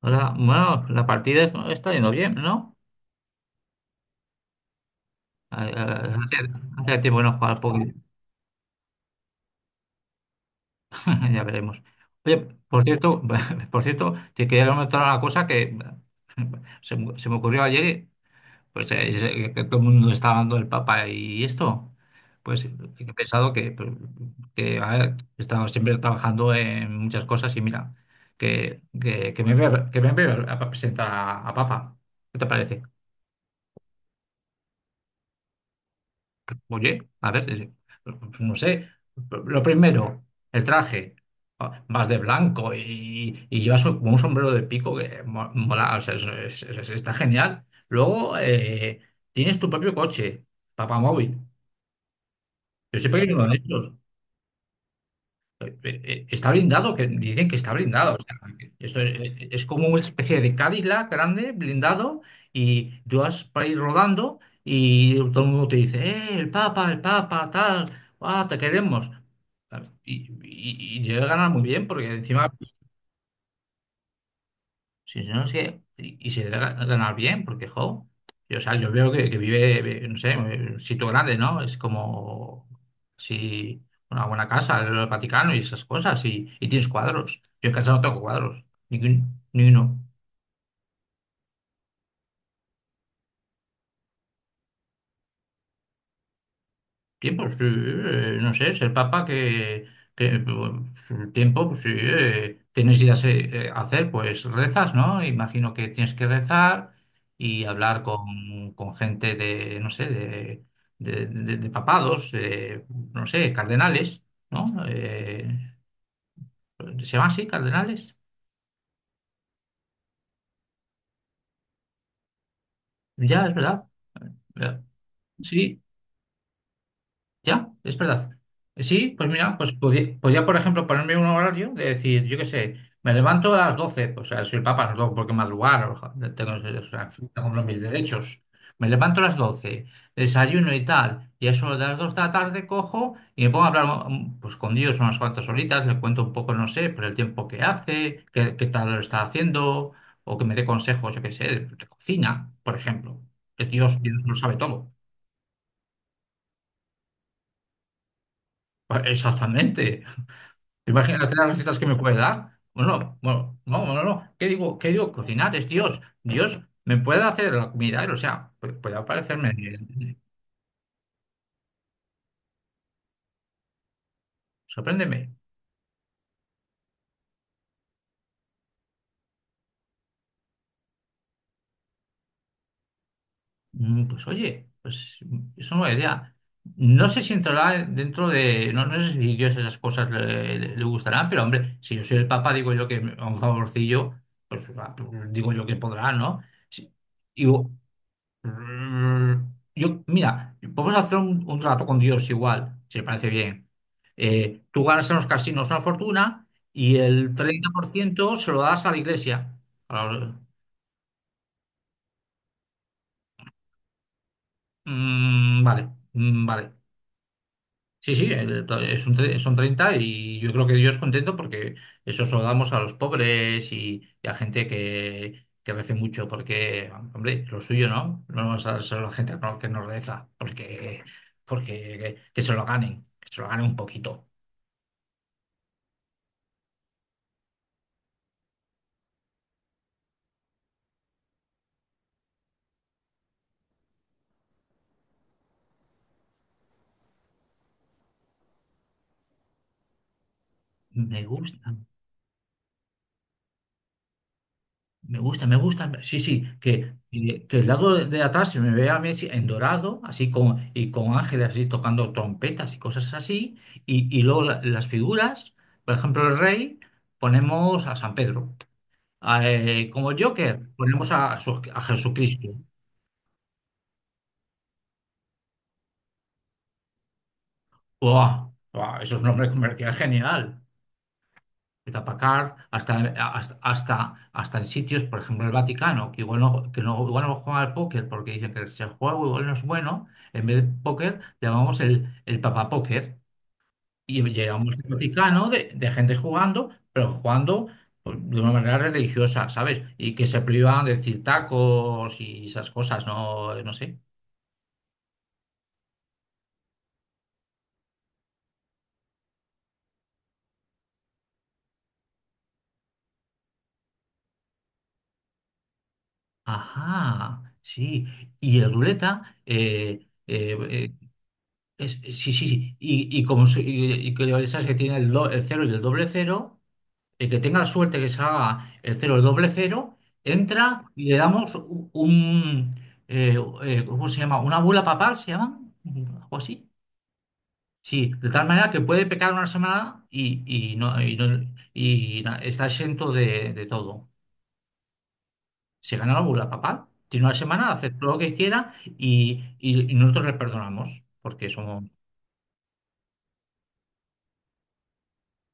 Ahora, bueno, la partida está yendo bien, ¿no? Ah, ah, Hace, hace tiempo que no jugar al póker. Ya veremos. Oye, por cierto, por cierto, te quería comentar una cosa que se me ocurrió ayer, y, pues que todo el mundo está hablando del Papa y esto, pues he pensado que, pues, que a ver, he estado siempre trabajando en muchas cosas y mira, que me voy a presentar a Papa. ¿Qué te parece? Oye, a ver, no sé. Lo primero, el traje. Ah, vas de blanco y llevas como un sombrero de pico que mola, o sea, está genial. Luego, tienes tu propio coche, papamóvil. Yo siempre he querido uno de estos. eh, Está blindado, que dicen que está blindado. O sea, que esto es como una especie de Cadillac grande, blindado, y tú vas para ir rodando y todo el mundo te dice, el Papa, tal, ah, te queremos. Claro. Y llegan a ganar muy bien, porque encima... Sí, sí, no, y se debe ganar bien, porque, jo, yo, o sea, yo veo que vive, no sé, en un sitio grande, ¿no? Es como si una buena casa, el Vaticano y esas cosas, y tienes cuadros. Yo en casa no tengo cuadros, ni uno. Tiempo, sí, no sé, es el Papa que pues, el tiempo, pues sí, tienes ideas hacer, pues rezas, ¿no? Imagino que tienes que rezar y hablar con gente de, no sé, de papados, no sé, cardenales, ¿no? ¿Se llama así, cardenales? Ya, es verdad. Ya. Sí. Ya, es verdad. Sí, pues mira, pues podía, por ejemplo, ponerme un horario de decir, yo qué sé, me levanto a las 12, pues o sea, soy el papa, no tengo por qué madrugar, o sea, tengo, o sea, en fin, tengo mis derechos. Me levanto a las doce, desayuno y tal, y a eso de las 2 de la tarde cojo y me pongo a hablar pues con Dios unas cuantas horitas, le cuento un poco, no sé, por el tiempo que hace, qué tal lo está haciendo, o que me dé consejos, yo qué sé, de cocina, por ejemplo. Es Dios, Dios lo sabe todo. Pues, exactamente. ¿Te las tres recetas que me puede dar? Bueno, bueno, no, no, no. ¿Qué digo? ¿Qué digo? Cocinar es Dios. Dios me puede hacer la comida, o sea, puede aparecerme. Sorpréndeme. Pues oye, pues es una buena idea. No sé si entrará dentro de. No, no sé si Dios esas cosas le gustarán, pero hombre, si yo soy el Papa, digo yo que a un favorcillo, pues va, digo yo que podrá, ¿no? Sí. Y, Yo, mira, vamos a hacer un trato con Dios igual, si te parece bien. Tú ganas en los casinos una fortuna y el 30% se lo das a la iglesia. A la- Mm, vale, mm, vale. Sí, sí, son 30 y yo creo que Dios contento porque eso se lo damos a los pobres y a gente que rece mucho, porque, hombre, lo suyo, ¿no? No vamos a dárselo a la gente que no reza, porque que se lo ganen, que se lo ganen un poquito. Me gusta. Me gusta, me gusta. Sí, sí, que el lado de atrás se me vea a Messi en dorado, así y con ángeles así tocando trompetas y cosas así. Y luego las figuras, por ejemplo, el rey, ponemos a San Pedro. Como Joker, ponemos a Jesucristo. ¡Buah! ¡Buah! Eso es un nombre comercial genial. Packard, hasta en sitios, por ejemplo, el Vaticano, que igual no, que no, igual no juega al póker porque dicen que si el juego igual no es bueno, en vez de póker llamamos el Papa Póker y llegamos al Vaticano de gente jugando, pero jugando pues, de una manera religiosa, ¿sabes? Y que se privan de decir tacos y esas cosas, no, no sé. Ajá, sí. Y el ruleta, sí, sí, sí. Y como y que esas que tiene el cero y el doble cero, el que tenga la suerte que salga el cero y el doble cero, entra y le damos eh, ¿cómo se llama? ¿Una bula papal se llama? ¿Algo así? Sí, de tal manera que puede pecar una semana y no, está exento de todo. Se gana la bula papal, tiene una semana, hace todo lo que quiera y nosotros le perdonamos porque somos...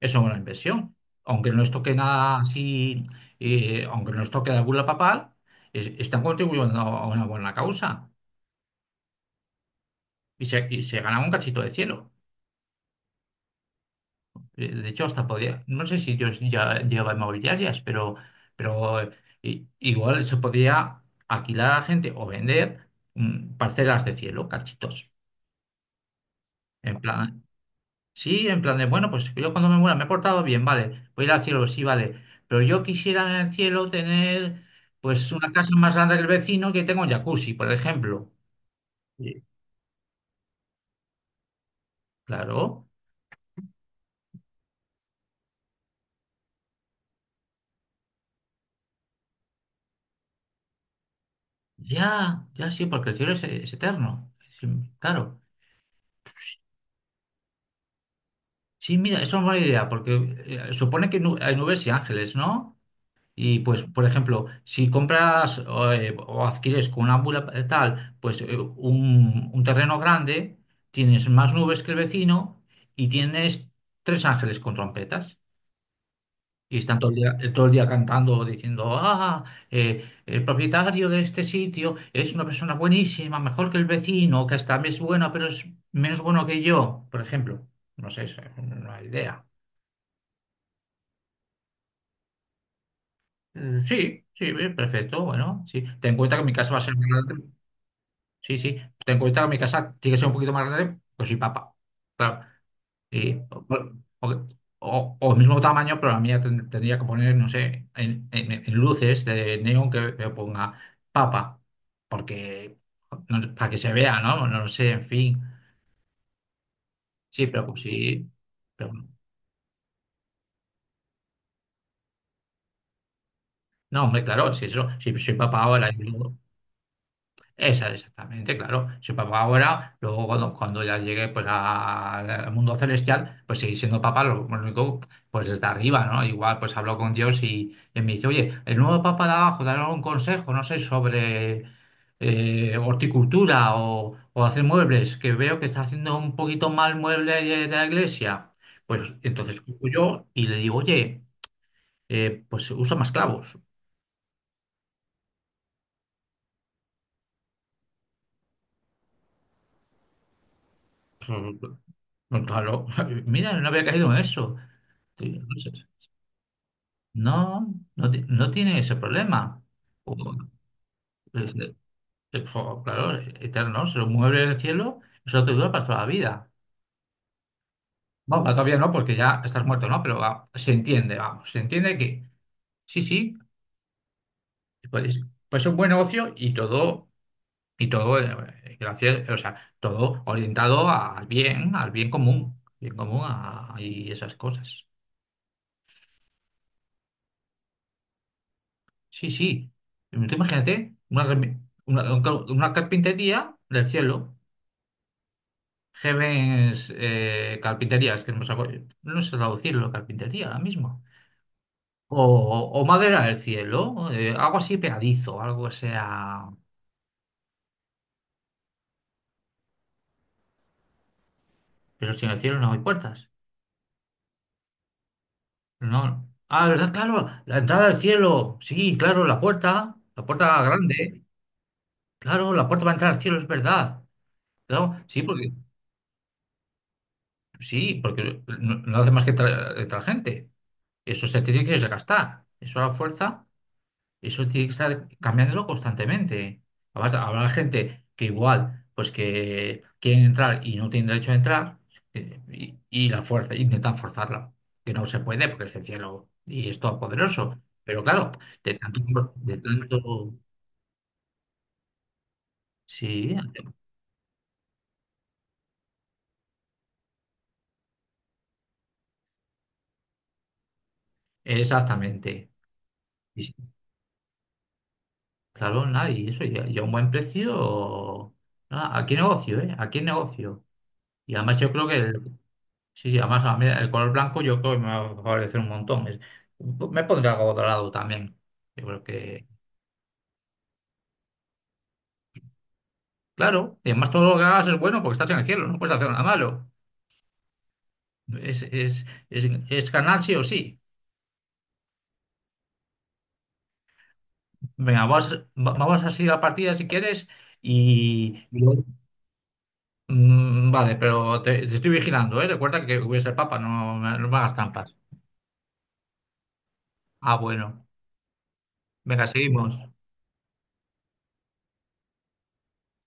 Es una buena inversión. Aunque no les toque nada así, aunque no les toque la bula papal, están contribuyendo a una buena causa y se ganan un cachito de cielo. De hecho, hasta podría, no sé si Dios ya lleva inmobiliarias, pero, igual se podría alquilar a gente o vender parcelas de cielo, cachitos. En plan, Sí, en plan de, bueno, pues yo cuando me muera me he portado bien, vale, voy a ir al cielo, sí, vale, pero yo quisiera en el cielo tener pues una casa más grande que el vecino que tenga un jacuzzi, por ejemplo. Sí. Claro, ya, ya sí, porque el cielo es eterno. Sí, claro, sí, mira, eso es una buena idea, porque supone que hay nubes y ángeles, ¿no? Y pues, por ejemplo, si compras o adquieres con una bula tal, pues un terreno grande, tienes más nubes que el vecino y tienes tres ángeles con trompetas. Y están todo el día cantando, diciendo, ah, el propietario de este sitio es una persona buenísima, mejor que el vecino, que hasta es bueno, pero es menos bueno que yo, por ejemplo. No sé, es una idea. Sí, sí, perfecto, bueno, sí. Ten en cuenta que mi casa va a ser más grande. Sí, sí. Ten en cuenta que mi casa tiene que ser un poquito más grande, pues soy papa. Claro. Y, o, o- o el mismo tamaño, pero la mía tendría que poner, no sé, en luces de neón que ponga papa. Porque, para que se vea, ¿no? No lo sé, en fin. Sí, pero pues, sí. Pero, no, hombre, claro, si eso, si soy papa ahora. Esa, exactamente, claro. Si papá ahora, luego cuando ya llegue pues, al mundo celestial, pues seguir siendo papá, lo único, pues desde arriba, ¿no? Igual pues hablo con Dios y me dice, oye, el nuevo papá de abajo, dale algún consejo, no sé, sobre horticultura o hacer muebles, que veo que está haciendo un poquito mal mueble de la iglesia. Pues entonces cojo yo y le digo, oye, pues usa más clavos. Claro, mira, no había caído en eso. Sí, no sé. No, no, no tiene ese problema. O- es- claro, eterno, se mueve en el cielo, eso te dura para toda la vida. Bueno, para todavía no, porque ya estás muerto, ¿no? Pero va, se entiende, vamos, se entiende que sí, sí, pues, pues es un buen negocio y todo, gracias, o sea, todo orientado al bien común y esas cosas. Sí, sí. Tú imagínate una, una carpintería del cielo. Gemes, carpinterías, que no, sé no sé traducirlo, carpintería ahora mismo. O, o madera del cielo, algo así pegadizo, algo que sea. Pero si en el cielo no hay puertas. No. Ah, ¿verdad? Claro, la entrada al cielo. Sí, claro, la puerta grande. Claro, la puerta para entrar al cielo, es verdad. Claro, sí, porque no hace más que entrar gente. Eso se tiene que desgastar. Eso a la fuerza. Eso tiene que estar cambiándolo constantemente. Además, habrá gente que igual, pues que quieren entrar y no tienen derecho a entrar, y la fuerza, intentan forzarla, que no se puede porque es el cielo y es todopoderoso. Pero claro, de tanto, de tanto, sí, exactamente. Y sí, claro, nada, y eso, ya, ya un buen precio, nada, aquí negocio, ¿eh? Aquí negocio. Y además yo creo que Sí, sí, además a mí el color blanco yo creo que me va a favorecer un montón. Me pondré algo dorado también. Yo creo que, claro, y además todo lo que hagas es bueno porque estás en el cielo, no puedes hacer nada malo. Es ganar sí o sí. Venga, vamos a seguir la partida si quieres y luego-. Mm, vale, pero te estoy vigilando, ¿eh? Recuerda que voy a ser papa, no, no me hagas trampas. Ah, bueno. Venga, seguimos.